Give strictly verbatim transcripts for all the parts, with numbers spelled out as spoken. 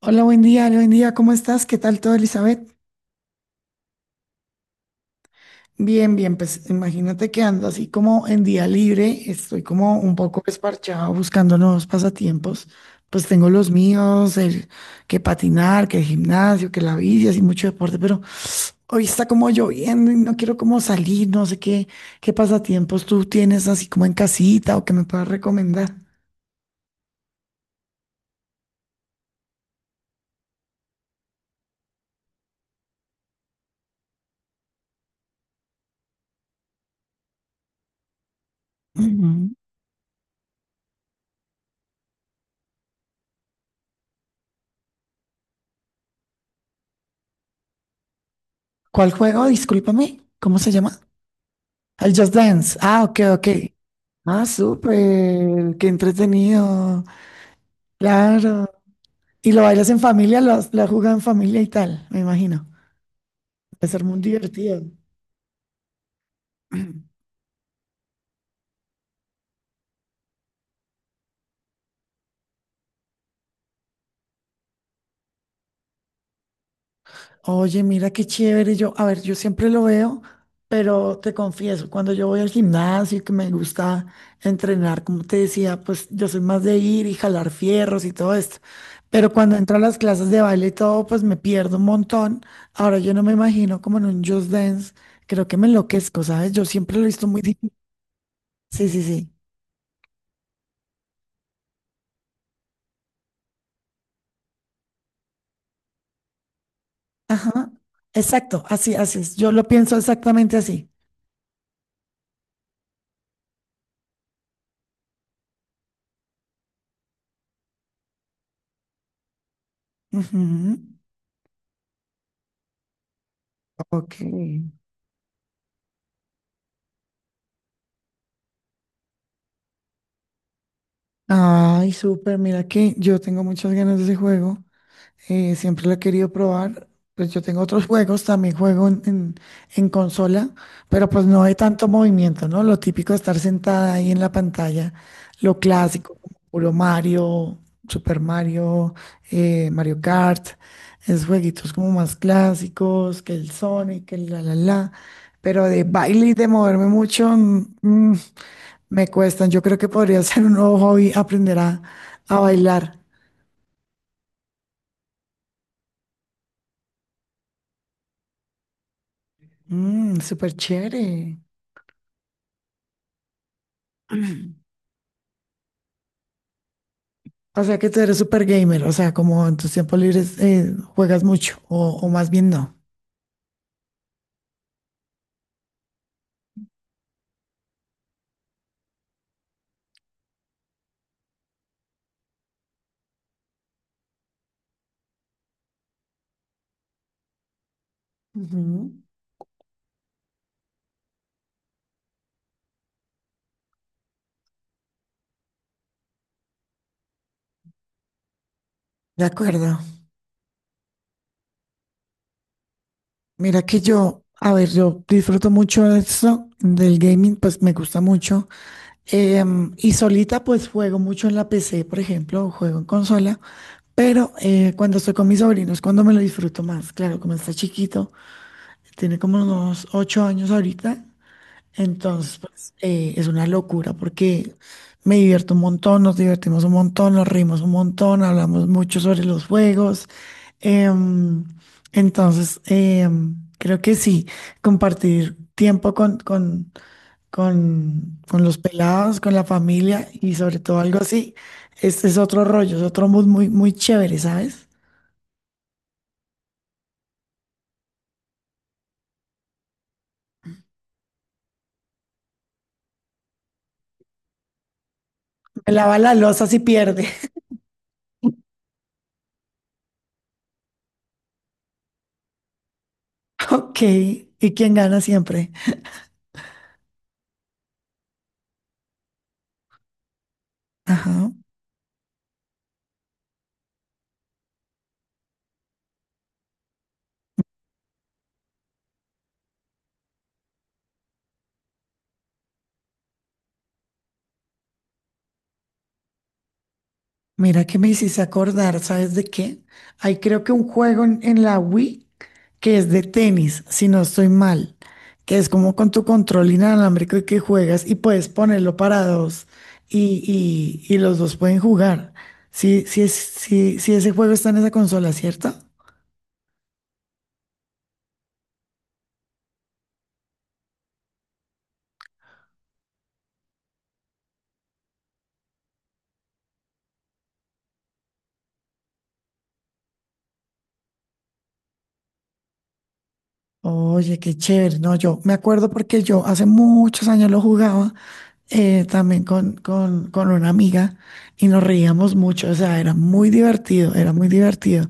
Hola, buen día, hola, buen día, ¿cómo estás? ¿Qué tal todo, Elizabeth? Bien, bien, pues imagínate que ando así como en día libre, estoy como un poco desparchado buscando nuevos pasatiempos, pues tengo los míos, el que patinar, que el gimnasio, que la bici, así mucho deporte, pero hoy está como lloviendo y no quiero como salir, no sé qué, qué pasatiempos tú tienes así como en casita o que me puedas recomendar. Ujú. ¿Cuál juego? Discúlpame, ¿cómo se llama? El Just Dance. Ah, ok, ok. Ah, súper, qué entretenido, claro. Y lo bailas en familia, lo, has- lo has jugado en familia y tal, me imagino. Va a ser muy divertido. Oye, mira qué chévere. Yo, a ver, yo siempre lo veo, pero te confieso, cuando yo voy al gimnasio y que me gusta entrenar, como te decía, pues yo soy más de ir y jalar fierros y todo esto. Pero cuando entro a las clases de baile y todo, pues me pierdo un montón. Ahora yo no me imagino como en un Just Dance. Creo que me enloquezco, ¿sabes? Yo siempre lo he visto muy difícil. Sí, sí, sí. Ajá. Exacto, así, así es. Yo lo pienso exactamente así. Ujú. Ok. Ay, súper, mira que yo tengo muchas ganas de ese juego. Eh, siempre lo he querido probar. Pues yo tengo otros juegos, también juego en, en- en consola, pero pues no hay tanto movimiento, ¿no? Lo típico de estar sentada ahí en la pantalla, lo clásico, como puro Mario, Super Mario, eh, Mario Kart, es jueguitos como más clásicos, que el Sonic, que el la la la, pero de baile y de moverme mucho, mm, mm, me cuestan. Yo creo que podría ser un nuevo hobby aprender a, a bailar. Mm, súper chévere. O sea que tú eres super gamer, o sea, como en tus tiempos libres eh, juegas mucho, o, o más bien no. Ujú. De acuerdo. Mira que yo, a ver, yo disfruto mucho de esto, del gaming, pues me gusta mucho. Em, y solita, pues juego mucho en la P C, por ejemplo, o juego en consola. Pero eh, cuando estoy con mis sobrinos, cuando me lo disfruto más. Claro, como está chiquito, tiene como unos ocho años ahorita. Entonces, pues, eh, es una locura porque me divierto un montón, nos divertimos un montón, nos rimos un montón, hablamos mucho sobre los juegos. Em, entonces, em, creo que sí, compartir tiempo con, con, con, con los pelados, con la familia y sobre todo algo así, este es otro rollo, es otro mood muy, muy chévere, ¿sabes? Me lava la loza si pierde. Ok, ¿y quien gana siempre? Ajá. Mira que me hiciste acordar, ¿sabes de qué? Hay creo que un juego en, en la Wii que es de tenis, si no estoy mal, que es como con tu control inalámbrico y que juegas y puedes ponerlo para dos y, y- y los dos pueden jugar. Sí, sí, es- sí, sí, ese juego está en esa consola, ¿cierto? Oye, qué chévere. No, yo me acuerdo porque yo hace muchos años lo jugaba eh, también con, con, con una amiga y nos reíamos mucho. O sea, era muy divertido, era muy divertido.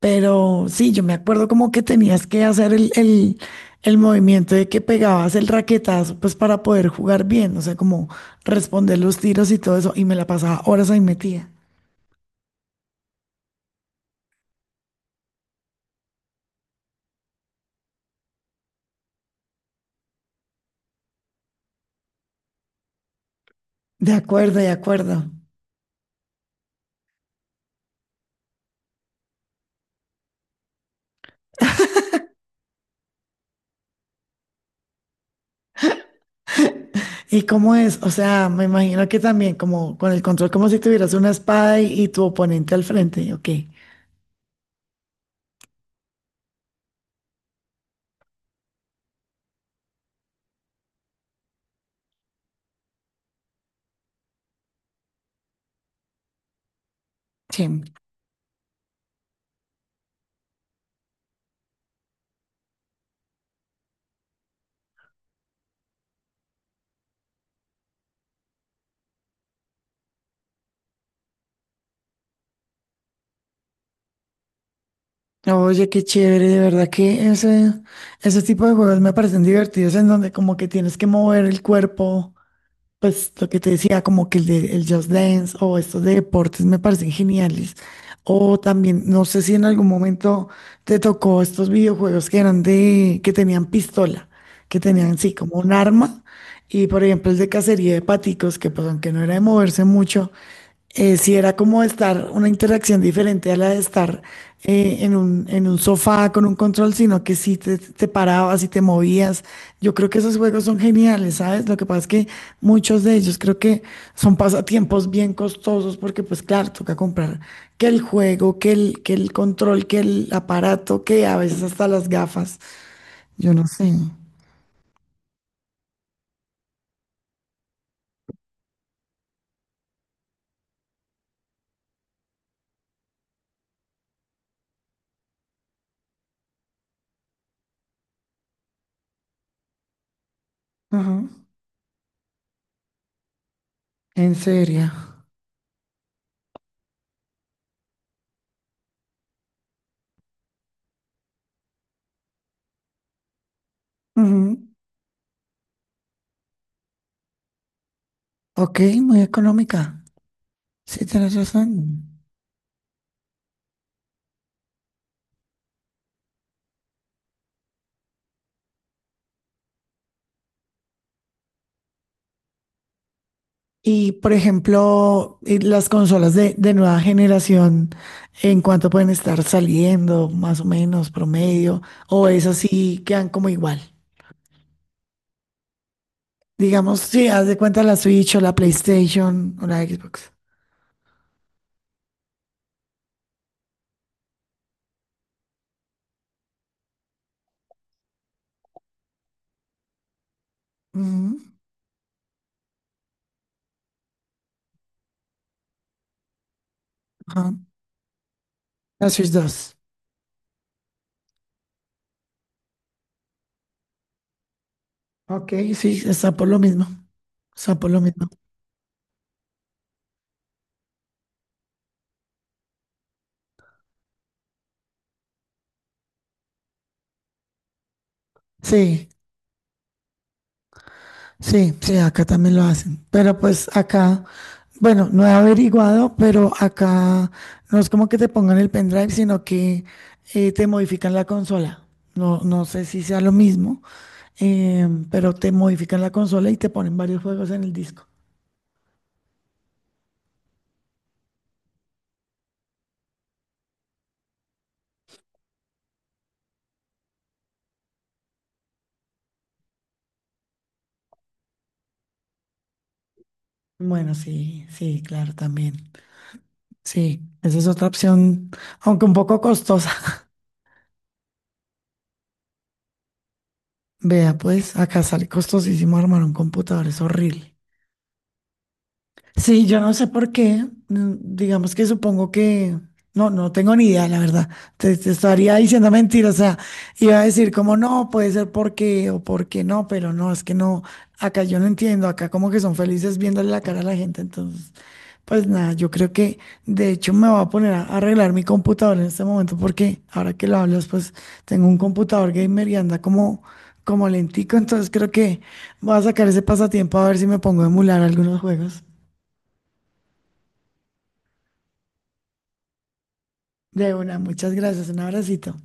Pero sí, yo me acuerdo como que tenías que hacer el, el, el movimiento de que pegabas el raquetazo, pues para poder jugar bien, o sea, como responder los tiros y todo eso, y me la pasaba horas ahí metida. De acuerdo, de acuerdo. ¿Y cómo es? O sea, me imagino que también como con el control, como si tuvieras una espada y, y tu oponente al frente, ok. Sí. Oye, qué chévere, de verdad que ese, ese tipo de juegos me parecen divertidos en donde como que tienes que mover el cuerpo. Pues lo que te decía, como que el de el Just Dance o estos de deportes me parecen geniales. O también, no sé si en algún momento te tocó estos videojuegos que eran de, que tenían pistola, que tenían sí, como un arma. Y por ejemplo, el de cacería de paticos, que pues aunque no era de moverse mucho, eh, sí era como estar una interacción diferente a la de estar eh, en un, en un sofá con un control, sino que sí te, te parabas y te movías. Yo creo que esos juegos son geniales, ¿sabes? Lo que pasa es que muchos de ellos creo que son pasatiempos bien costosos porque pues claro, toca comprar que el juego, que el, que el control, que el aparato, que a veces hasta las gafas. Yo no sé. Ajá. ¿En serio? Ujú. Ok, muy económica. Sí, tienes razón. Y, por ejemplo, eh, las consolas de, de nueva generación, ¿en cuánto pueden estar saliendo, más o menos, promedio? ¿O es así, quedan como igual? Digamos, si haz de cuenta la Switch o la PlayStation o la Xbox. Ujú, ajá. La Switch dos. Ok, sí, está por lo mismo. Está por lo mismo. Sí. Sí, sí, acá también lo hacen. Pero pues acá, bueno, no he averiguado, pero acá no es como que te pongan el pendrive, sino que eh, te modifican la consola. No, no sé si sea lo mismo, eh, pero te modifican la consola y te ponen varios juegos en el disco. Bueno, sí, sí, claro, también. Sí, esa es otra opción, aunque un poco costosa. Vea, pues acá sale costosísimo armar un computador, es horrible. Sí, yo no sé por qué. mm, Digamos que supongo que... No, no tengo ni idea, la verdad. Te, te estaría diciendo mentira. O sea, iba a decir como no, puede ser porque o porque no, pero no, es que no. Acá yo no entiendo. Acá como que son felices viéndole la cara a la gente. Entonces, pues nada, yo creo que de hecho me voy a poner a arreglar mi computador en este momento porque ahora que lo hablas, pues tengo un computador gamer y anda como, como lentico. Entonces creo que voy a sacar ese pasatiempo a ver si me pongo a emular algunos juegos. De una, muchas gracias, un abracito.